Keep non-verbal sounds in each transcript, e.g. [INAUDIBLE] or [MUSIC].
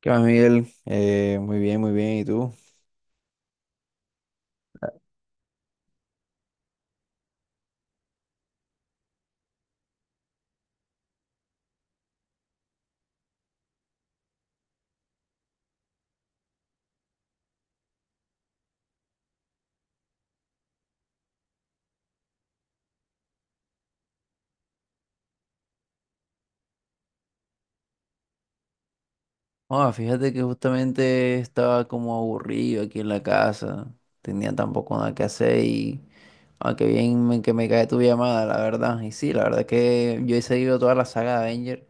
¿Qué más, Miguel? Muy bien, muy bien. ¿Y tú? Ah, fíjate que justamente estaba como aburrido aquí en la casa. Tenía tampoco nada que hacer y... Aunque bien me- que me cae tu llamada, la verdad. Y sí, la verdad es que yo he seguido toda la saga de Avenger,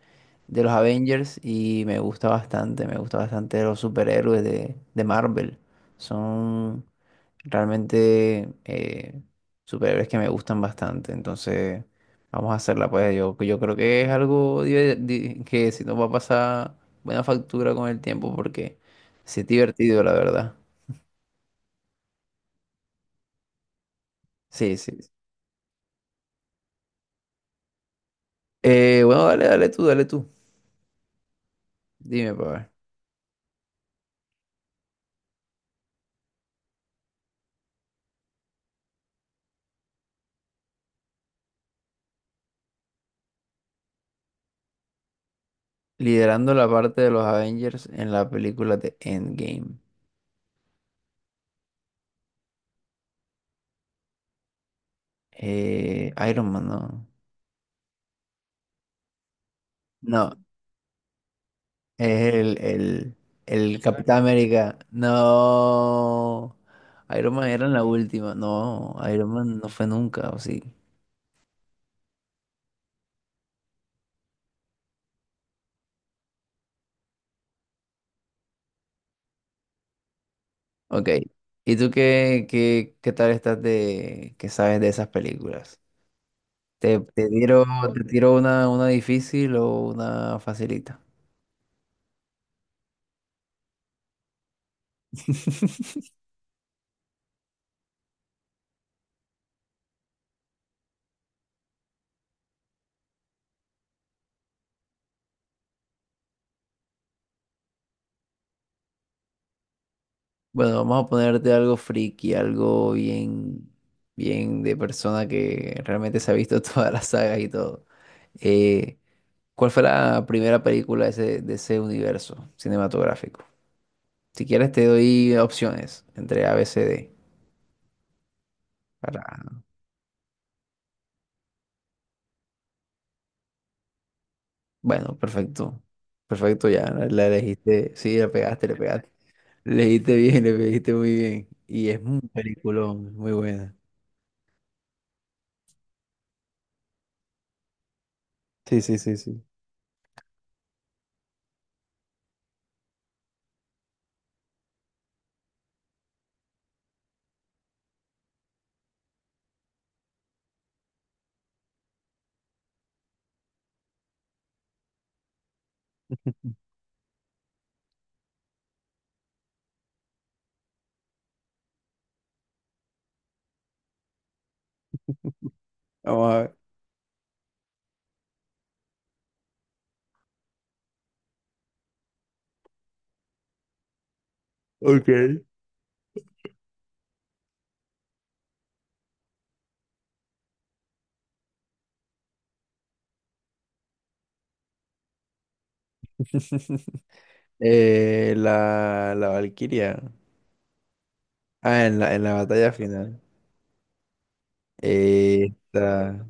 de los Avengers y me gusta bastante. Me gusta bastante los superhéroes de Marvel. Son... Realmente superhéroes que me gustan bastante, entonces vamos a hacerla pues. Yo creo que es algo que si nos va a pasar buena factura con el tiempo porque sí es divertido, la verdad. Sí, sí, sí. Bueno, dale, dale tú, dale tú. Dime, para ver. Liderando la parte de los Avengers en la película de Endgame. Iron Man, no. No, es el Capitán América. No. Iron Man era en la última. No, Iron Man no fue nunca, ¿o sí? Ok. ¿Y tú qué, qué tal estás de, qué sabes de esas películas? ¿Te, te tiro una difícil o una facilita? [LAUGHS] Bueno, vamos a ponerte algo friki, algo bien, bien de persona que realmente se ha visto [LAUGHS] todas las sagas y todo. Eh, ¿Cuál fue la primera película de de ese universo cinematográfico? Si quieres te doy opciones entre A, B, C, D. Para... Bueno, perfecto. Perfecto, ya la elegiste. Sí, la pegaste, le pegaste. Leíste bien, le pegaste muy bien. Y es un peliculón, muy buena. Sí, sí, sí, sí. [LAUGHS] Vamos a ver. Ok. [LAUGHS] La, la Valquiria. Ah, en la batalla final. Eh, esta-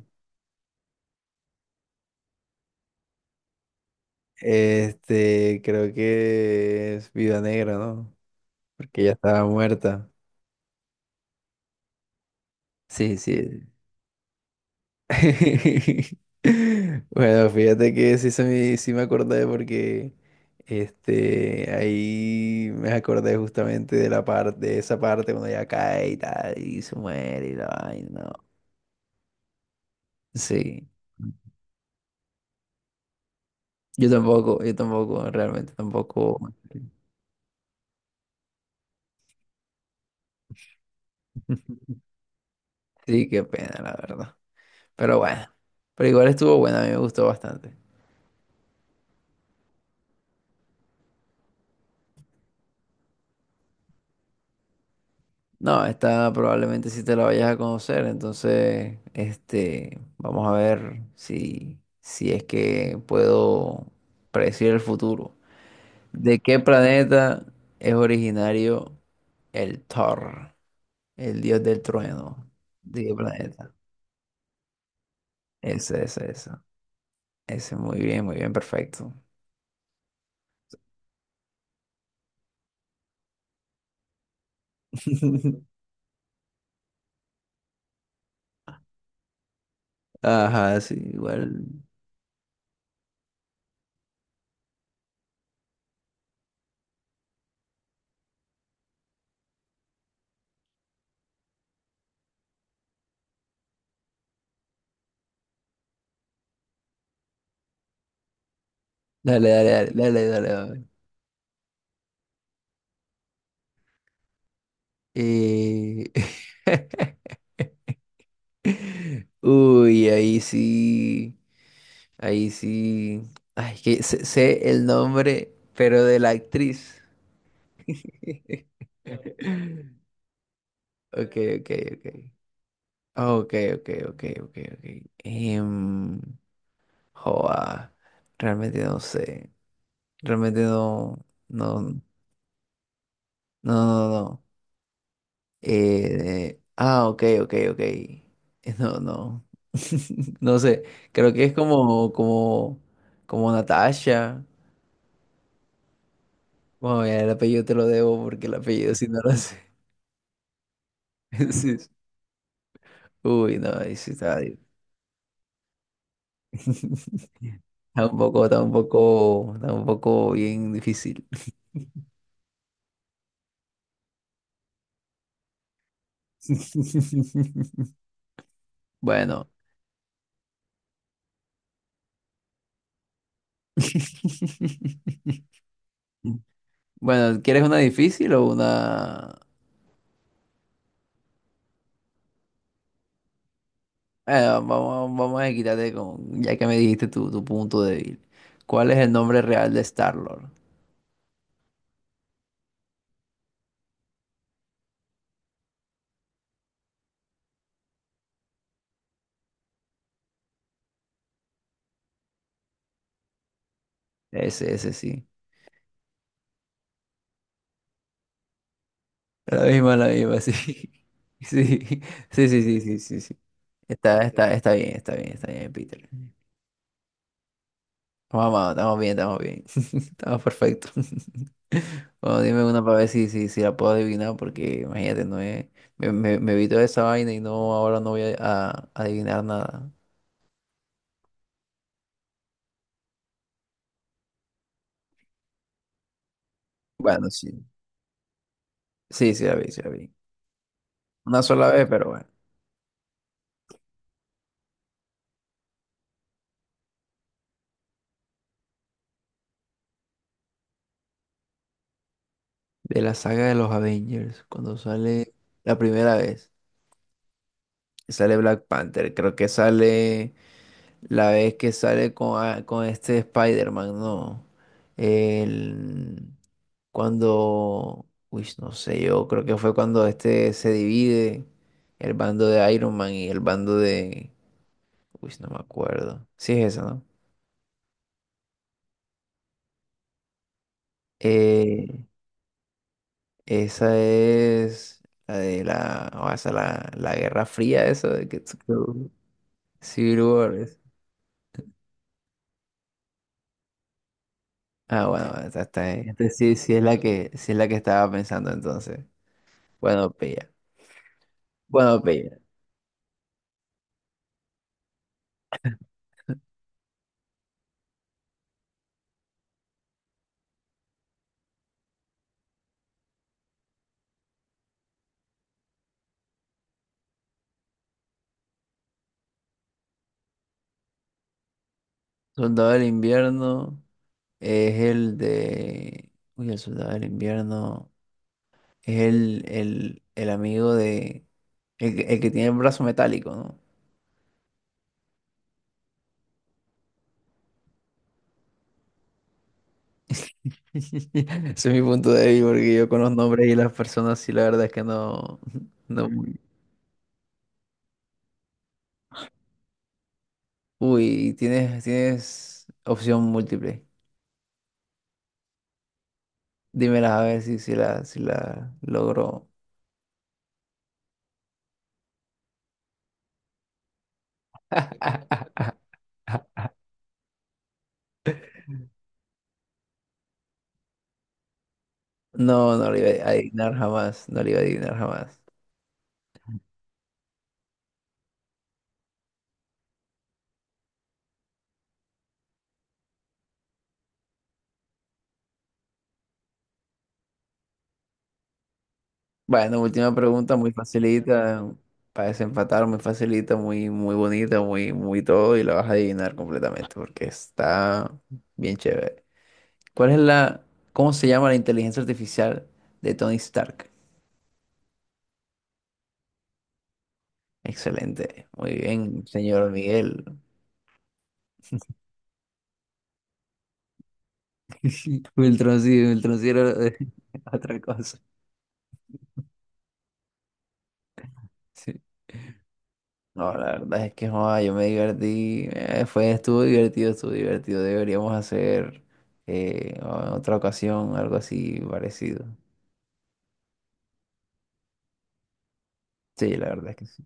Este, creo que es Viuda Negra, ¿no? Porque ya estaba muerta. Sí, sí. [LAUGHS] Bueno, fíjate que sí, sí me acordé porque este, ahí me acordé justamente de la parte, de esa parte cuando ella cae y tal, y se muere y la vaina. No. Sí. Yo tampoco, realmente tampoco. [LAUGHS] Sí, qué pena, la verdad. Pero bueno, pero igual estuvo buena, a mí me gustó bastante. No, esta probablemente si te la vayas a conocer, entonces, este, vamos a ver si, si es que puedo predecir el futuro. ¿De qué planeta es originario el Thor, el dios del trueno? ¿De qué planeta? Ese, ese, ese. Ese, muy bien, perfecto. [LAUGHS] Ajá, sí, igual. Dale, dale, dale, dale, dale, dale. Y... [LAUGHS] Uy, ahí sí, ahí sí. Ay, que sé, sé el nombre, pero de la actriz. [LAUGHS] Ok, ok, ok. Oh, ok, ok, ok, ok, ok. Em, Joa, realmente no sé. Realmente no, no, no, no, no. Ok, ok, ok. No, no. [LAUGHS] No sé. Creo que es como Natasha. Bueno, mira, el apellido te lo debo porque el apellido si no lo sé. [LAUGHS] Sí, sí. Uy, no, ahí sí está, di- [LAUGHS] está un poco, está un poco, está un poco bien difícil. [LAUGHS] Bueno. [LAUGHS] Bueno, ¿quieres una difícil o una...? Vamos, vamos a quitarte con, ya que me dijiste tu, tu punto débil. ¿Cuál es el nombre real de Star-Lord? Ese sí. La misma, sí. [LAUGHS] Sí, sí, sí, sí, sí, sí, sí, está, está, está bien, está bien, está bien, Peter. Vamos, estamos bien, estamos bien. [LAUGHS] Estamos perfectos. [LAUGHS] Bueno, dime una para ver si, si la puedo adivinar, porque imagínate, no es. Me vi toda esa vaina y no, ahora no voy a adivinar nada. Bueno, sí. Sí, sí la vi, sí la vi. Una sola vez, pero bueno. De la saga de los Avengers, cuando sale la primera vez, sale Black Panther. Creo que sale la vez que sale con este Spider-Man, ¿no? El. Cuando, uy, no sé, yo creo que fue cuando este se divide el bando de Iron Man y el bando de, uy, no me acuerdo. Sí es esa, ¿no? Eh, Esa es la de la, o sea, la Guerra Fría, eso de que Civil War. Ah, bueno, esta sí, sí es la que, sí es la que estaba pensando entonces. Bueno, pilla. Bueno, pilla. Soldado del Invierno es el de, uy, el Soldado del Invierno. Es el amigo de... El, el que tiene el brazo metálico, ¿no? [LAUGHS] Ese es mi punto de vista, porque yo con los nombres y las personas, sí, la verdad es que no... [LAUGHS] no... Uy, tienes, tienes opción múltiple. Dímelas a ver si, si la logro. No, no lo iba a adivinar jamás. No lo iba a adivinar jamás. Bueno, última pregunta, muy facilita, para desempatar, muy facilita, muy, muy bonita, muy, muy todo, y la vas a adivinar completamente, porque está bien chévere. ¿Cuál es la, cómo se llama la inteligencia artificial de Tony Stark? Excelente, muy bien, señor Miguel. [LAUGHS] Wiltroncillo, Wiltroncillo era [LAUGHS] otra cosa. Sí. No, la verdad es que joda yo me divertí, estuvo divertido, estuvo divertido. Deberíamos hacer en otra ocasión algo así parecido. Sí, la verdad es que sí.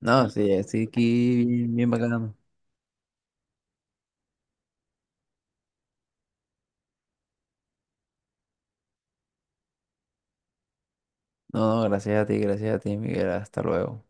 No, sí, estoy aquí bien, bien bacano. No, no, gracias a ti, Miguel. Hasta luego.